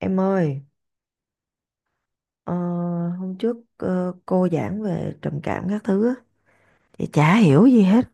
Em ơi, ờ, hôm trước cô giảng về trầm cảm các thứ á, chị chả hiểu gì hết.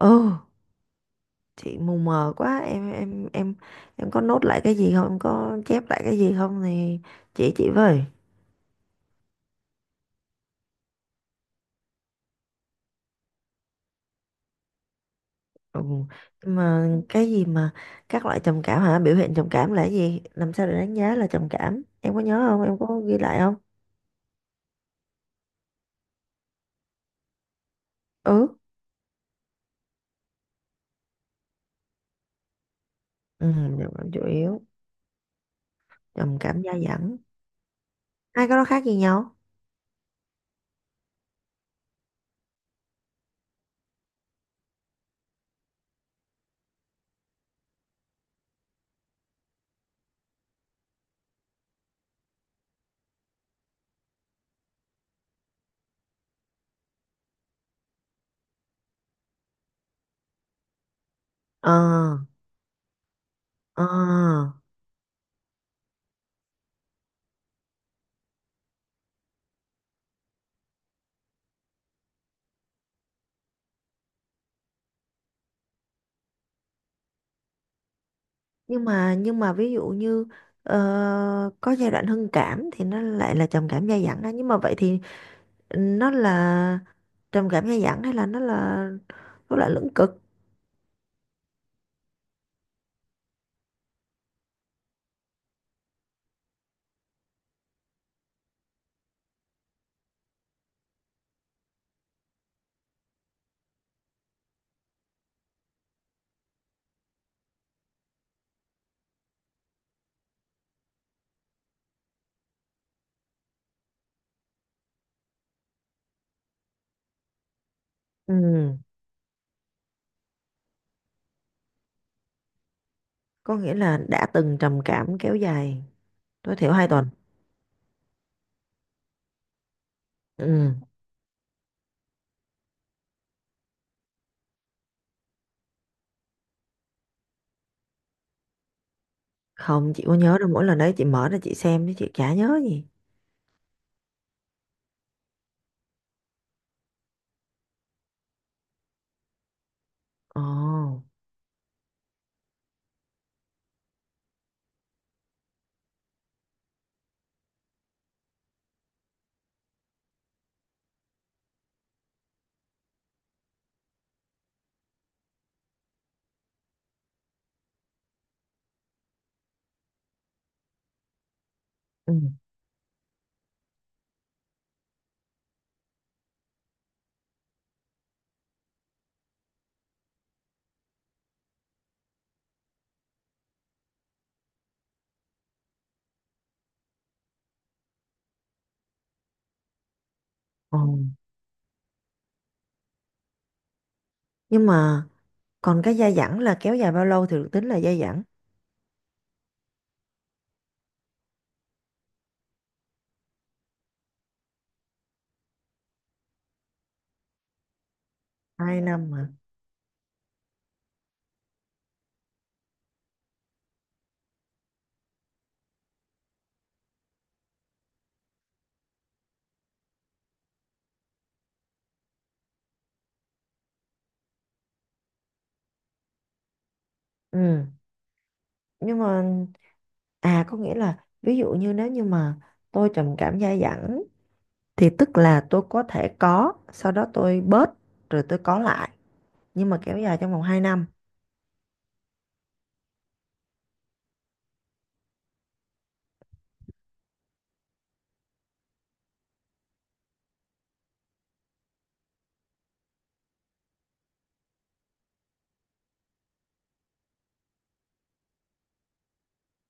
Ừ, chị mù mờ quá. Em có nốt lại cái gì không? Em có chép lại cái gì không thì chỉ chị với. Ừ. Nhưng mà cái gì mà các loại trầm cảm hả? Biểu hiện trầm cảm là cái gì? Làm sao để đánh giá là trầm cảm? Em có nhớ không? Em có ghi lại không? Ừ. Ừ, trầm cảm chủ yếu, trầm cảm dai dẳng. Hai cái đó khác gì nhau? Ờ, ờ. Nhưng mà ví dụ như ờ, có giai đoạn hưng cảm thì nó lại là trầm cảm dai dẳng á, nhưng mà vậy thì nó là trầm cảm dai dẳng hay là nó là lưỡng cực. Ừ, có nghĩa là đã từng trầm cảm kéo dài tối thiểu 2 tuần. Ừ, không chị có nhớ đâu, mỗi lần đấy chị mở ra chị xem chứ chị chả nhớ gì. Ồ, ừ. Ồ, nhưng mà còn cái dai dẳng là kéo dài bao lâu thì được tính là dai dẳng? 2 năm mà. Ừ, nhưng mà à, có nghĩa là ví dụ như nếu như mà tôi trầm cảm dai dẳng, thì tức là tôi có thể có, sau đó tôi bớt rồi tôi có lại, nhưng mà kéo dài trong vòng 2 năm.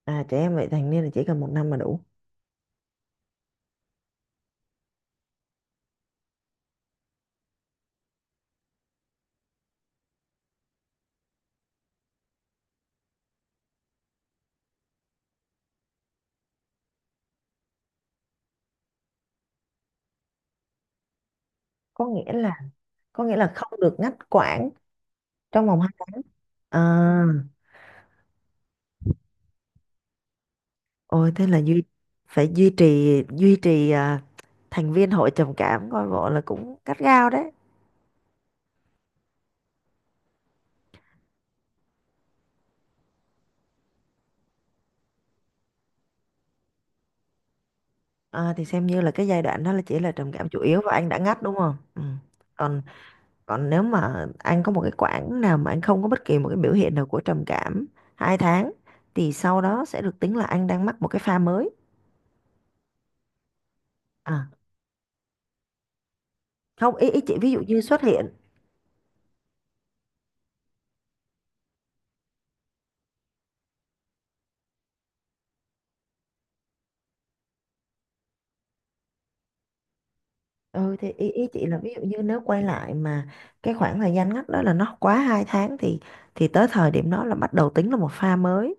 À, trẻ em vị thành niên là chỉ cần 1 năm là đủ. Có nghĩa là có nghĩa là không được ngắt quãng trong vòng 2 năm. À, ôi, thế là phải duy trì à, thành viên hội trầm cảm coi bộ là cũng gắt gao đấy. À, thì xem như là cái giai đoạn đó là chỉ là trầm cảm chủ yếu và anh đã ngắt, đúng không? Ừ. còn Còn nếu mà anh có một cái quãng nào mà anh không có bất kỳ một cái biểu hiện nào của trầm cảm 2 tháng thì sau đó sẽ được tính là anh đang mắc một cái pha mới. À, không, ý ý chị ví dụ như xuất hiện. Ừ thì ý ý chị là ví dụ như nếu quay lại mà cái khoảng thời gian ngắt đó là nó quá 2 tháng thì tới thời điểm đó là bắt đầu tính là một pha mới.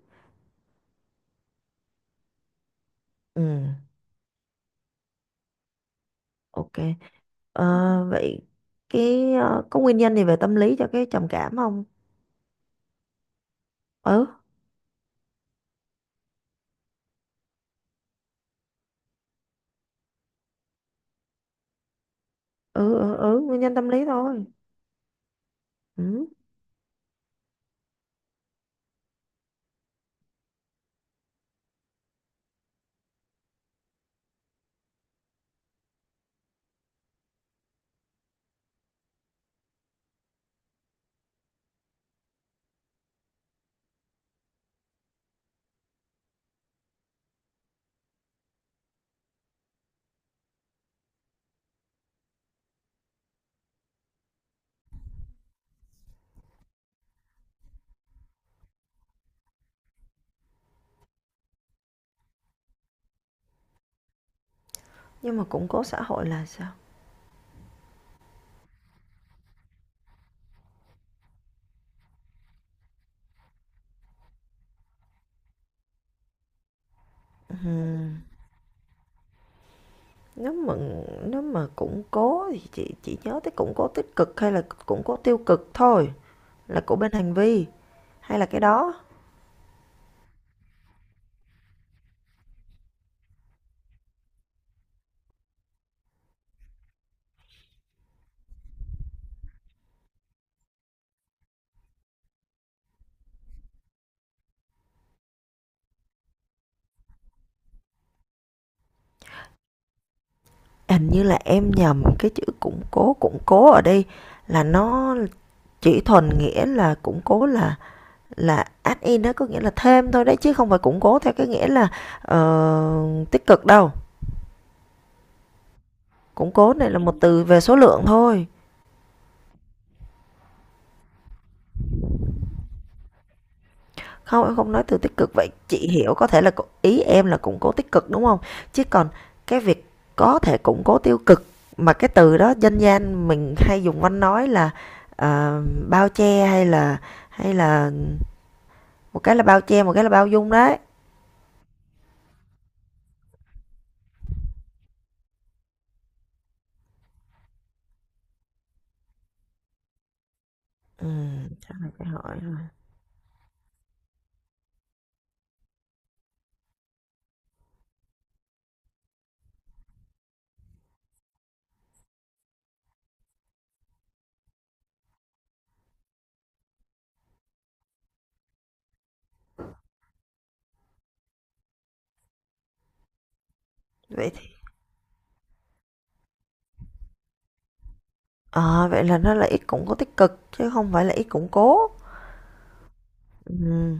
Ừ, ok. Ờ, vậy cái có nguyên nhân gì về tâm lý cho cái trầm cảm không? Ừ, ừ, ừ, ừ, nguyên nhân tâm lý thôi. Ừ. Nhưng mà củng cố xã hội là sao? Ừm, nếu mà nếu mà củng cố thì chị chỉ nhớ tới củng cố tích cực hay là củng cố tiêu cực thôi, là của bên hành vi hay là cái đó? Hình như là em nhầm cái chữ củng cố ở đây là nó chỉ thuần nghĩa là củng cố, là add in đó, có nghĩa là thêm thôi đấy, chứ không phải củng cố theo cái nghĩa là tích cực đâu. Củng cố này là một từ về số lượng thôi. Không, em không nói từ tích cực, vậy chị hiểu có thể là ý em là củng cố tích cực, đúng không? Chứ còn cái việc có thể củng cố tiêu cực mà cái từ đó dân gian mình hay dùng quanh nói là, ờ, bao che hay là hay là một cái là bao che, một cái là bao dung đấy. Chắc là phải hỏi rồi. Vậy thì ờ, vậy là nó là ít củng cố tích cực chứ không phải là ít củng cố. Ừm,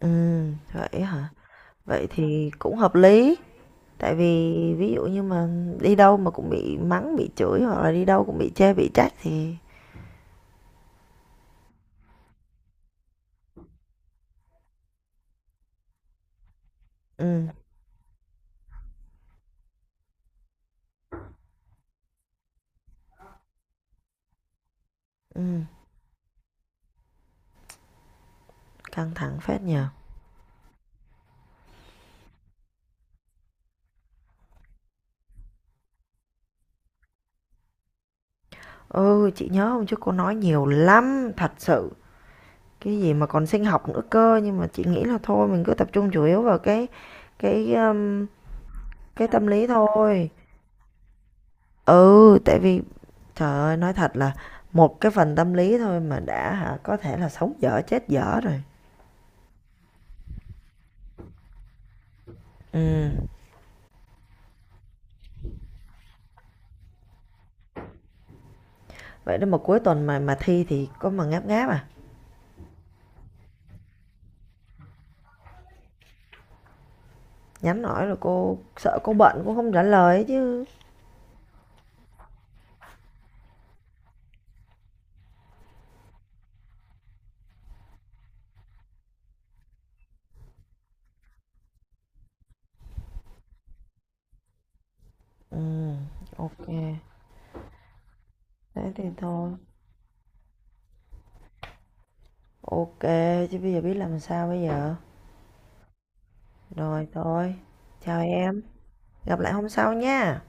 vậy hả? Vậy thì cũng hợp lý. Tại vì ví dụ như mà đi đâu mà cũng bị mắng, bị chửi, hoặc là đi đâu cũng bị chê, bị trách thì ừm, ừm, căng thẳng phết nhờ. Ừ, chị nhớ không, trước cô nói nhiều lắm, thật sự. Cái gì mà còn sinh học nữa cơ, nhưng mà chị nghĩ là thôi mình cứ tập trung chủ yếu vào cái cái um, cái tâm lý thôi. Ừ, tại vì trời ơi nói thật là một cái phần tâm lý thôi mà đã hả, có thể là sống dở chết dở rồi. Ừ, vậy đó mà cuối tuần mà thi thì có mà ngáp ngáp à? Nhắn nói là cô sợ, cô bận, cô không trả lời chứ. Ừ, ok. Thế thì thôi. Ok, chứ bây giờ biết làm sao bây giờ. Rồi thôi. Chào em, gặp lại hôm sau nha.